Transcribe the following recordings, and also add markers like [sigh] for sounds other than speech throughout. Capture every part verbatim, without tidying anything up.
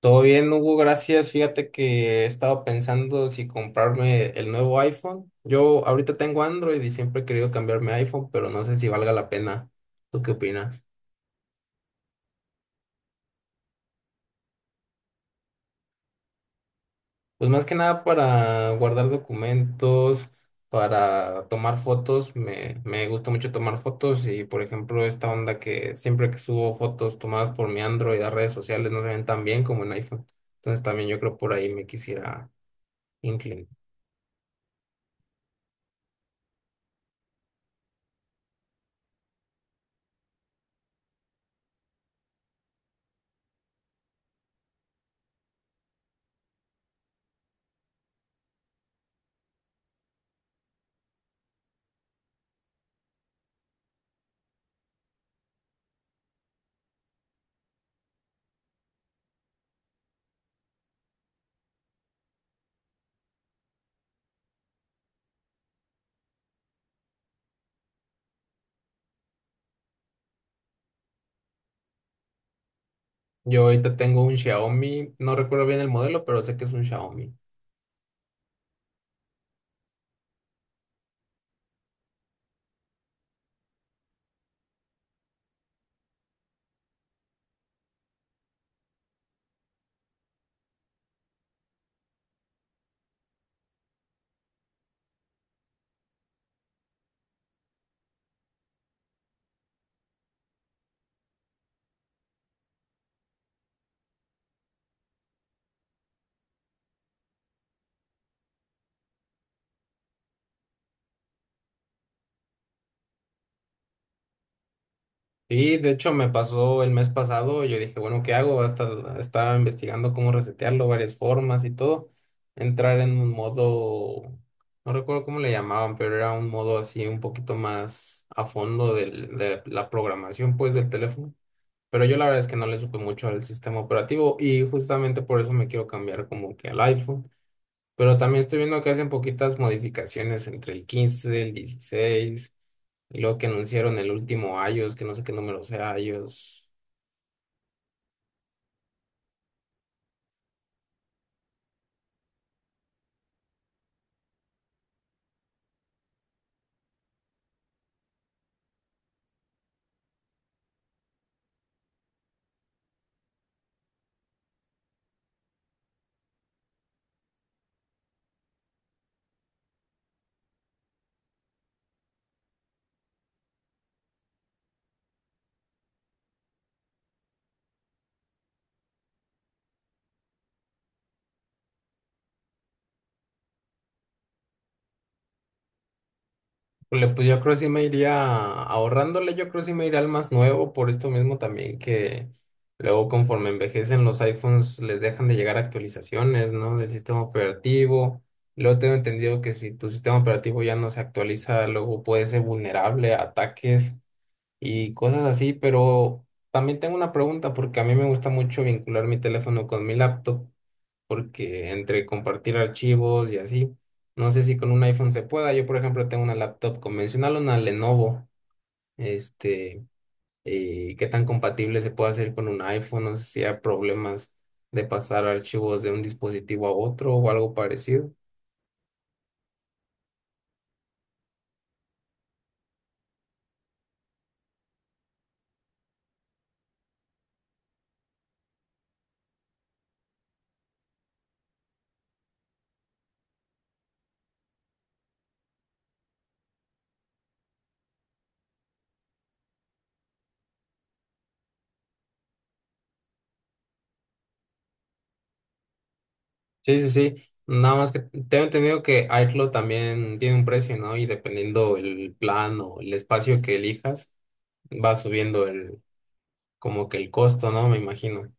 Todo bien, Hugo, gracias. Fíjate que he estado pensando si comprarme el nuevo iPhone. Yo ahorita tengo Android y siempre he querido cambiarme a iPhone, pero no sé si valga la pena. ¿Tú qué opinas? Pues más que nada para guardar documentos, para tomar fotos. Me, me gusta mucho tomar fotos y, por ejemplo, esta onda que siempre que subo fotos tomadas por mi Android a redes sociales no se ven tan bien como en iPhone. Entonces también yo creo por ahí me quisiera inclinar. Yo ahorita tengo un Xiaomi, no recuerdo bien el modelo, pero sé que es un Xiaomi. Y de hecho me pasó el mes pasado, yo dije, bueno, ¿qué hago? Hasta estaba investigando cómo resetearlo, varias formas y todo. Entrar en un modo, no recuerdo cómo le llamaban, pero era un modo así un poquito más a fondo del- de la programación pues del teléfono. Pero yo la verdad es que no le supe mucho al sistema operativo y justamente por eso me quiero cambiar como que al iPhone. Pero también estoy viendo que hacen poquitas modificaciones entre el quince, el dieciséis y luego que anunciaron el último iOS, que no sé qué número sea iOS. Pues le- pues yo creo que sí me iría ahorrándole, yo creo que sí me iría al más nuevo, por esto mismo también que luego conforme envejecen los iPhones les dejan de llegar actualizaciones, ¿no? Del sistema operativo. Luego tengo entendido que si tu sistema operativo ya no se actualiza, luego puede ser vulnerable a ataques y cosas así, pero también tengo una pregunta porque a mí me gusta mucho vincular mi teléfono con mi laptop, porque entre compartir archivos y así, no sé si con un iPhone se pueda. Yo, por ejemplo, tengo una laptop convencional, una Lenovo, este, y qué tan compatible se puede hacer con un iPhone, no sé si hay problemas de pasar archivos de un dispositivo a otro o algo parecido. Sí, sí, sí. Nada más que tengo entendido que iCloud también tiene un precio, ¿no? Y dependiendo el plan o el espacio que elijas, va subiendo el, como que el costo, ¿no? Me imagino.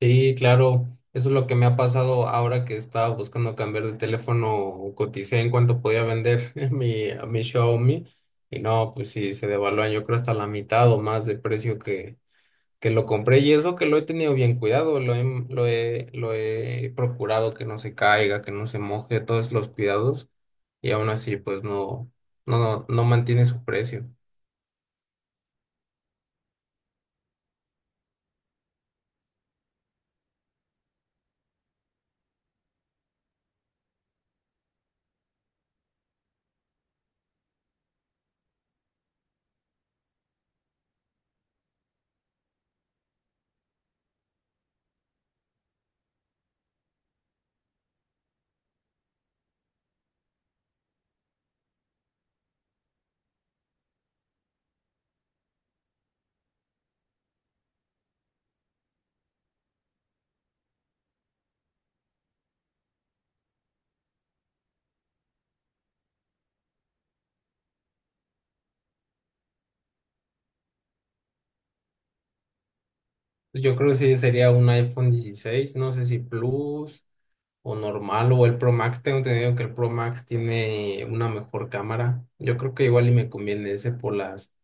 Sí, claro, eso es lo que me ha pasado ahora que estaba buscando cambiar de teléfono, coticé en cuánto podía vender [laughs] mi, mi Xiaomi y no, pues sí, se devaluó, yo creo hasta la mitad o más del precio que que lo compré y eso que lo he tenido bien cuidado, lo he, lo he, lo he procurado que no se caiga, que no se moje, todos los cuidados y aún así pues no, no, no mantiene su precio. Yo creo que sí sería un iPhone dieciséis, no sé si Plus o normal o el Pro Max. Tengo entendido que el Pro Max tiene una mejor cámara. Yo creo que igual y me conviene ese por las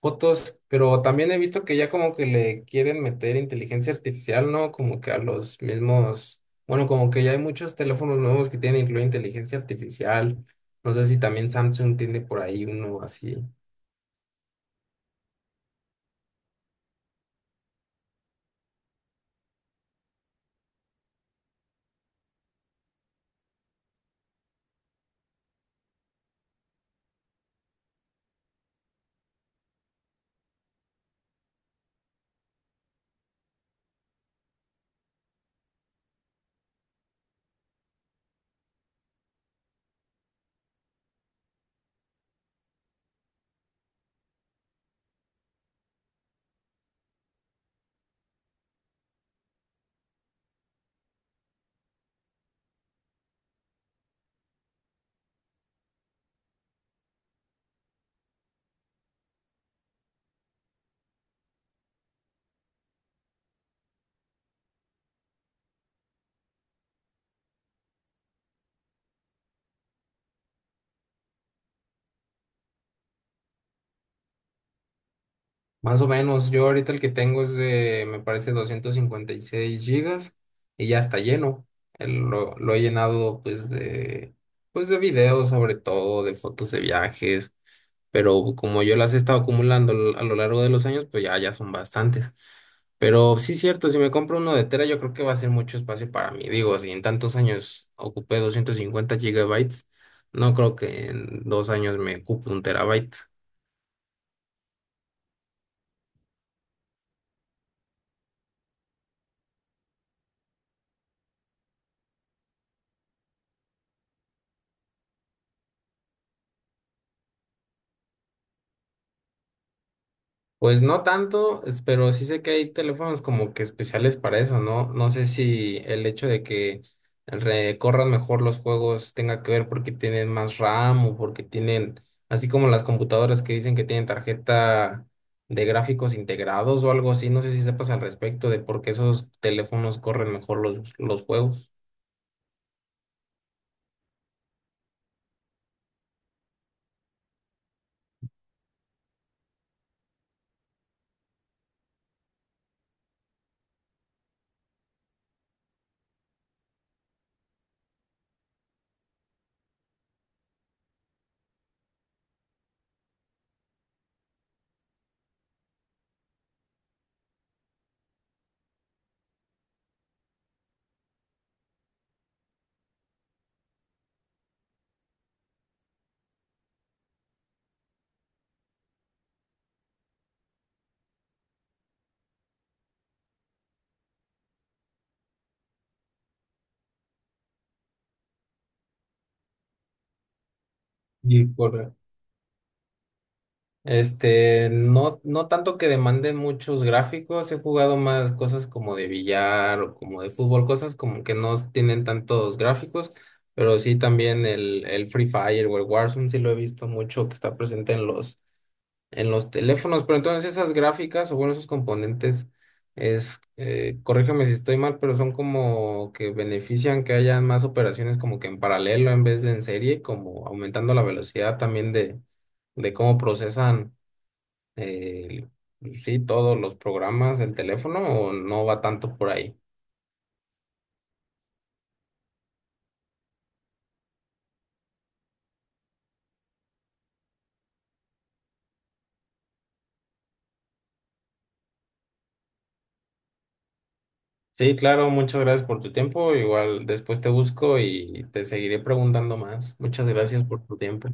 fotos, pero también he visto que ya como que le quieren meter inteligencia artificial, ¿no? Como que a los mismos, bueno, como que ya hay muchos teléfonos nuevos que tienen incluida inteligencia artificial. No sé si también Samsung tiene por ahí uno así. Más o menos, yo ahorita el que tengo es de, me parece, doscientos cincuenta y seis gigas y ya está lleno. El- lo, lo he llenado pues de, pues de videos sobre todo, de fotos de viajes, pero como yo las he estado acumulando a lo largo de los años, pues ya, ya son bastantes. Pero sí, cierto, si me compro uno de tera, yo creo que va a ser mucho espacio para mí. Digo, si en tantos años ocupé doscientos cincuenta gigabytes, no creo que en dos años me ocupe un terabyte. Pues no tanto, es- pero sí sé que hay teléfonos como que especiales para eso, ¿no? No sé si el hecho de que recorran mejor los juegos tenga que ver porque tienen más RAM o porque tienen, así como las computadoras que dicen que tienen tarjeta de gráficos integrados o algo así, no sé si sepas al respecto de por qué esos teléfonos corren mejor los, los juegos. Y por, Este, no, no tanto que demanden muchos gráficos, he jugado más cosas como de billar o como de fútbol, cosas como que no tienen tantos gráficos, pero sí también el, el Free Fire o el Warzone sí lo he visto mucho que está presente en los, en los teléfonos, pero entonces esas gráficas o bueno, esos componentes es, eh, corrígeme si estoy mal, pero son como que benefician que haya más operaciones como que en paralelo en vez de en serie, como aumentando la velocidad también de, de cómo procesan el- pues sí, todos los programas, el teléfono, o no va tanto por ahí. Sí, claro, muchas gracias por tu tiempo. Igual después te busco y te seguiré preguntando más. Muchas gracias por tu tiempo.